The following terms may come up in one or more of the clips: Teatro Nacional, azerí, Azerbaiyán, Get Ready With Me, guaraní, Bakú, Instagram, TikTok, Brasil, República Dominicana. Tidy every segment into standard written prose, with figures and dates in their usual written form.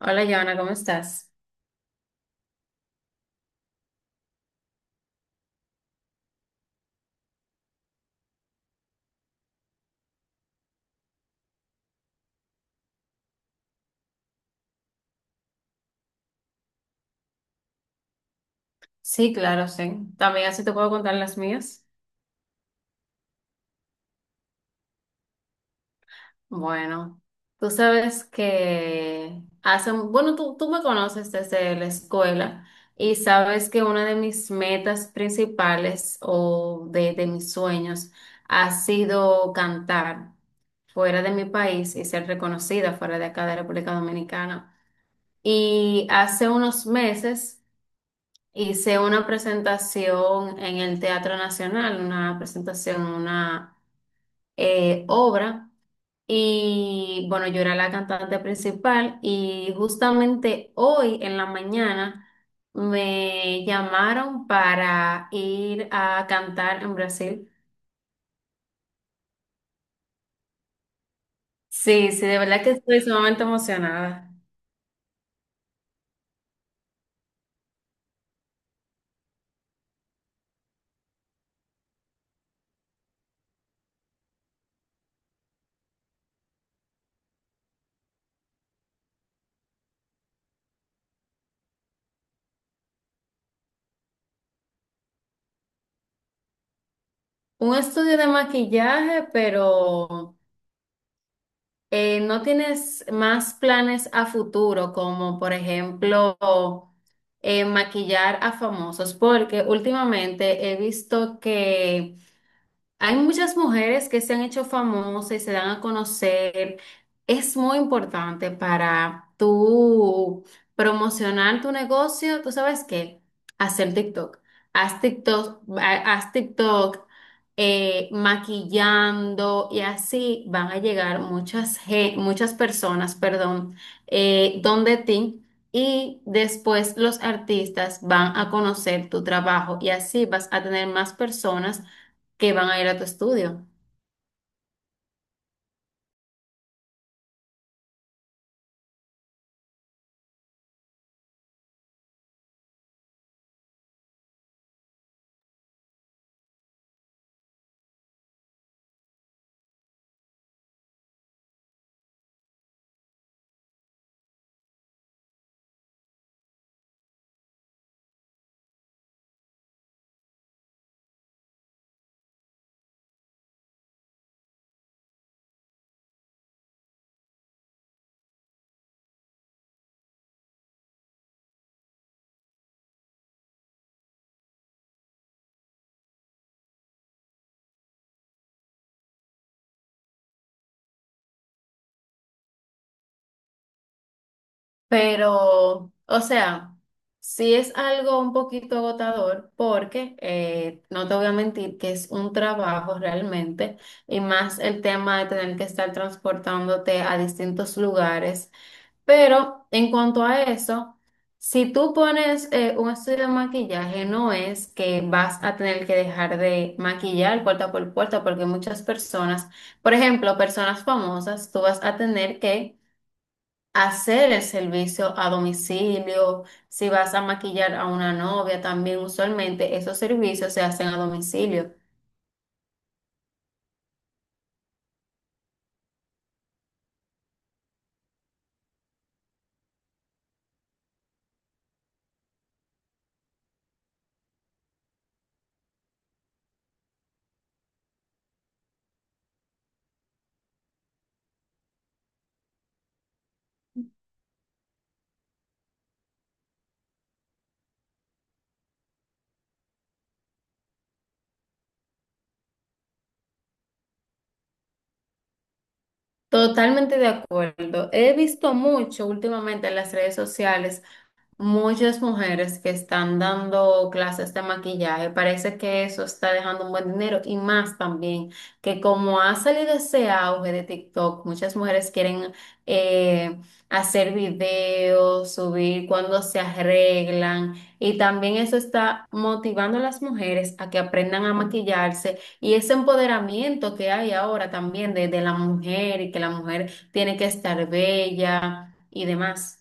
Hola, Joana, ¿cómo estás? Sí, claro, sí. También así te puedo contar las mías. Bueno, tú sabes que hace, bueno, tú me conoces desde la escuela y sabes que una de mis metas principales o de mis sueños ha sido cantar fuera de mi país y ser reconocida fuera de acá de República Dominicana. Y hace unos meses, hice una presentación en el Teatro Nacional, una presentación, una obra. Y bueno, yo era la cantante principal y justamente hoy en la mañana me llamaron para ir a cantar en Brasil. Sí, sí, de verdad que estoy sumamente emocionada. Un estudio de maquillaje, pero no tienes más planes a futuro, como por ejemplo, maquillar a famosos, porque últimamente he visto que hay muchas mujeres que se han hecho famosas y se dan a conocer. Es muy importante para tú promocionar tu negocio. ¿Tú sabes qué? Hacer TikTok. Haz TikTok, haz TikTok maquillando y así van a llegar muchas, muchas personas, perdón, donde ti. Y después los artistas van a conocer tu trabajo y así vas a tener más personas que van a ir a tu estudio. Pero, o sea, sí es algo un poquito agotador porque no te voy a mentir que es un trabajo realmente y más el tema de tener que estar transportándote a distintos lugares. Pero en cuanto a eso, si tú pones un estudio de maquillaje, no es que vas a tener que dejar de maquillar puerta por puerta, porque muchas personas, por ejemplo, personas famosas, tú vas a tener que hacer el servicio a domicilio, si vas a maquillar a una novia, también usualmente esos servicios se hacen a domicilio. Totalmente de acuerdo. He visto mucho últimamente en las redes sociales muchas mujeres que están dando clases de maquillaje, parece que eso está dejando un buen dinero y más también que como ha salido ese auge de TikTok, muchas mujeres quieren eh, hacer videos, subir cuando se arreglan y también eso está motivando a las mujeres a que aprendan a maquillarse y ese empoderamiento que hay ahora también de la mujer y que la mujer tiene que estar bella y demás.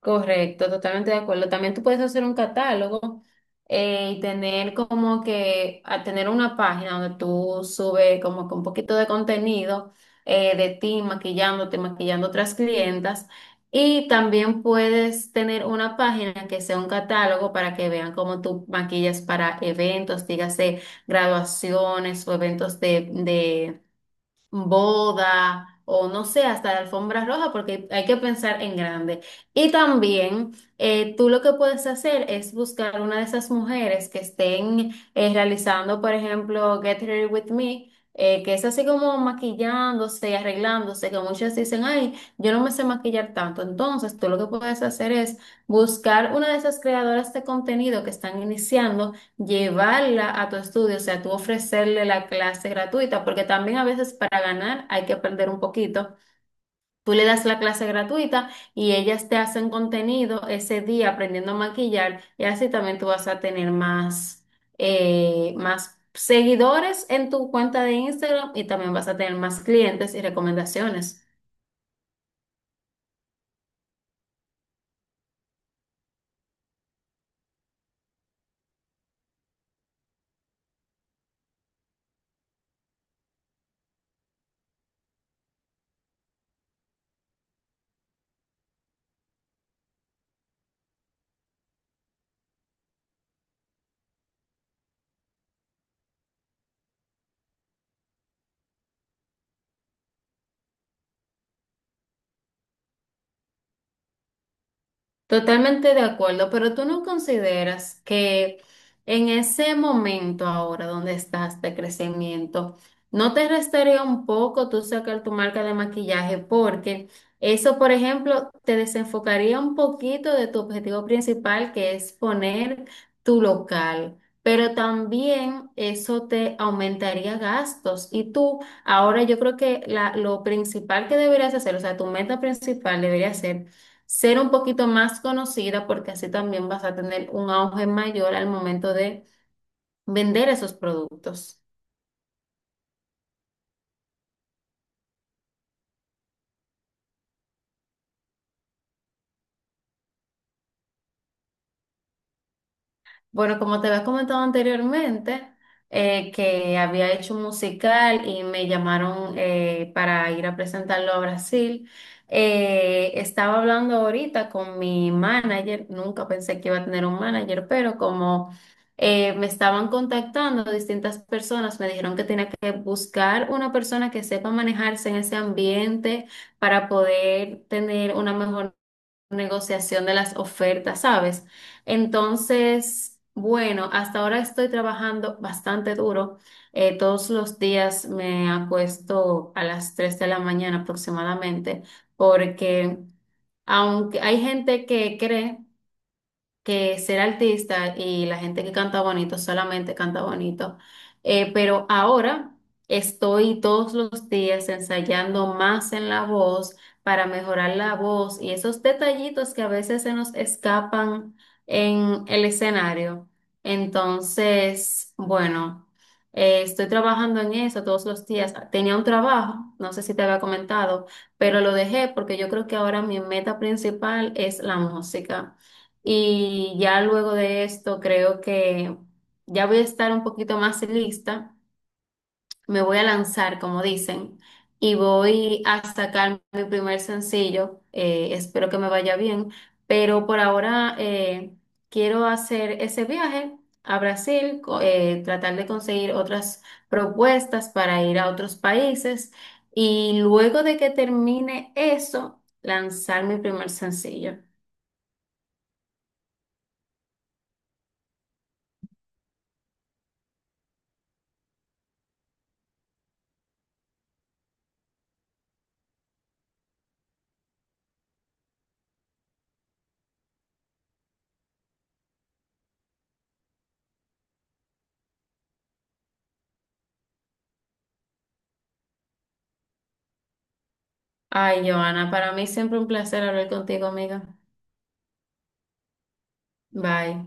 Correcto, totalmente de acuerdo. También tú puedes hacer un catálogo y tener como que, a tener una página donde tú subes como que un poquito de contenido de ti maquillándote, maquillando otras clientas. Y también puedes tener una página que sea un catálogo para que vean cómo tú maquillas para eventos, dígase graduaciones o eventos boda o no sé, hasta de alfombra roja, porque hay que pensar en grande. Y también tú lo que puedes hacer es buscar una de esas mujeres que estén realizando, por ejemplo, Get Ready With Me. Que es así como maquillándose y arreglándose, que muchas dicen, ay, yo no me sé maquillar tanto. Entonces, tú lo que puedes hacer es buscar una de esas creadoras de contenido que están iniciando, llevarla a tu estudio, o sea, tú ofrecerle la clase gratuita, porque también a veces para ganar hay que perder un poquito. Tú le das la clase gratuita y ellas te hacen contenido ese día aprendiendo a maquillar y así también tú vas a tener más, más seguidores en tu cuenta de Instagram y también vas a tener más clientes y recomendaciones. Totalmente de acuerdo, pero tú no consideras que en ese momento ahora donde estás de crecimiento, ¿no te restaría un poco tú sacar tu marca de maquillaje? Porque eso, por ejemplo, te desenfocaría un poquito de tu objetivo principal, que es poner tu local, pero también eso te aumentaría gastos. Y tú, ahora yo creo que lo principal que deberías hacer, o sea, tu meta principal debería ser ser un poquito más conocida porque así también vas a tener un auge mayor al momento de vender esos productos. Bueno, como te había comentado anteriormente, que había hecho un musical y me llamaron para ir a presentarlo a Brasil. Estaba hablando ahorita con mi manager, nunca pensé que iba a tener un manager, pero como me estaban contactando distintas personas, me dijeron que tenía que buscar una persona que sepa manejarse en ese ambiente para poder tener una mejor negociación de las ofertas, ¿sabes? Entonces, bueno, hasta ahora estoy trabajando bastante duro. Todos los días me acuesto a las 3 de la mañana aproximadamente, porque aunque hay gente que cree que ser artista y la gente que canta bonito solamente canta bonito. Pero ahora estoy todos los días ensayando más en la voz para mejorar la voz y esos detallitos que a veces se nos escapan en el escenario. Entonces, bueno, estoy trabajando en eso todos los días. Tenía un trabajo, no sé si te había comentado, pero lo dejé porque yo creo que ahora mi meta principal es la música. Y ya luego de esto creo que ya voy a estar un poquito más lista, me voy a lanzar, como dicen, y voy a sacar mi primer sencillo. Espero que me vaya bien, pero por ahora quiero hacer ese viaje a Brasil, tratar de conseguir otras propuestas para ir a otros países y luego de que termine eso, lanzar mi primer sencillo. Ay, Joana, para mí siempre un placer hablar contigo, amiga. Bye.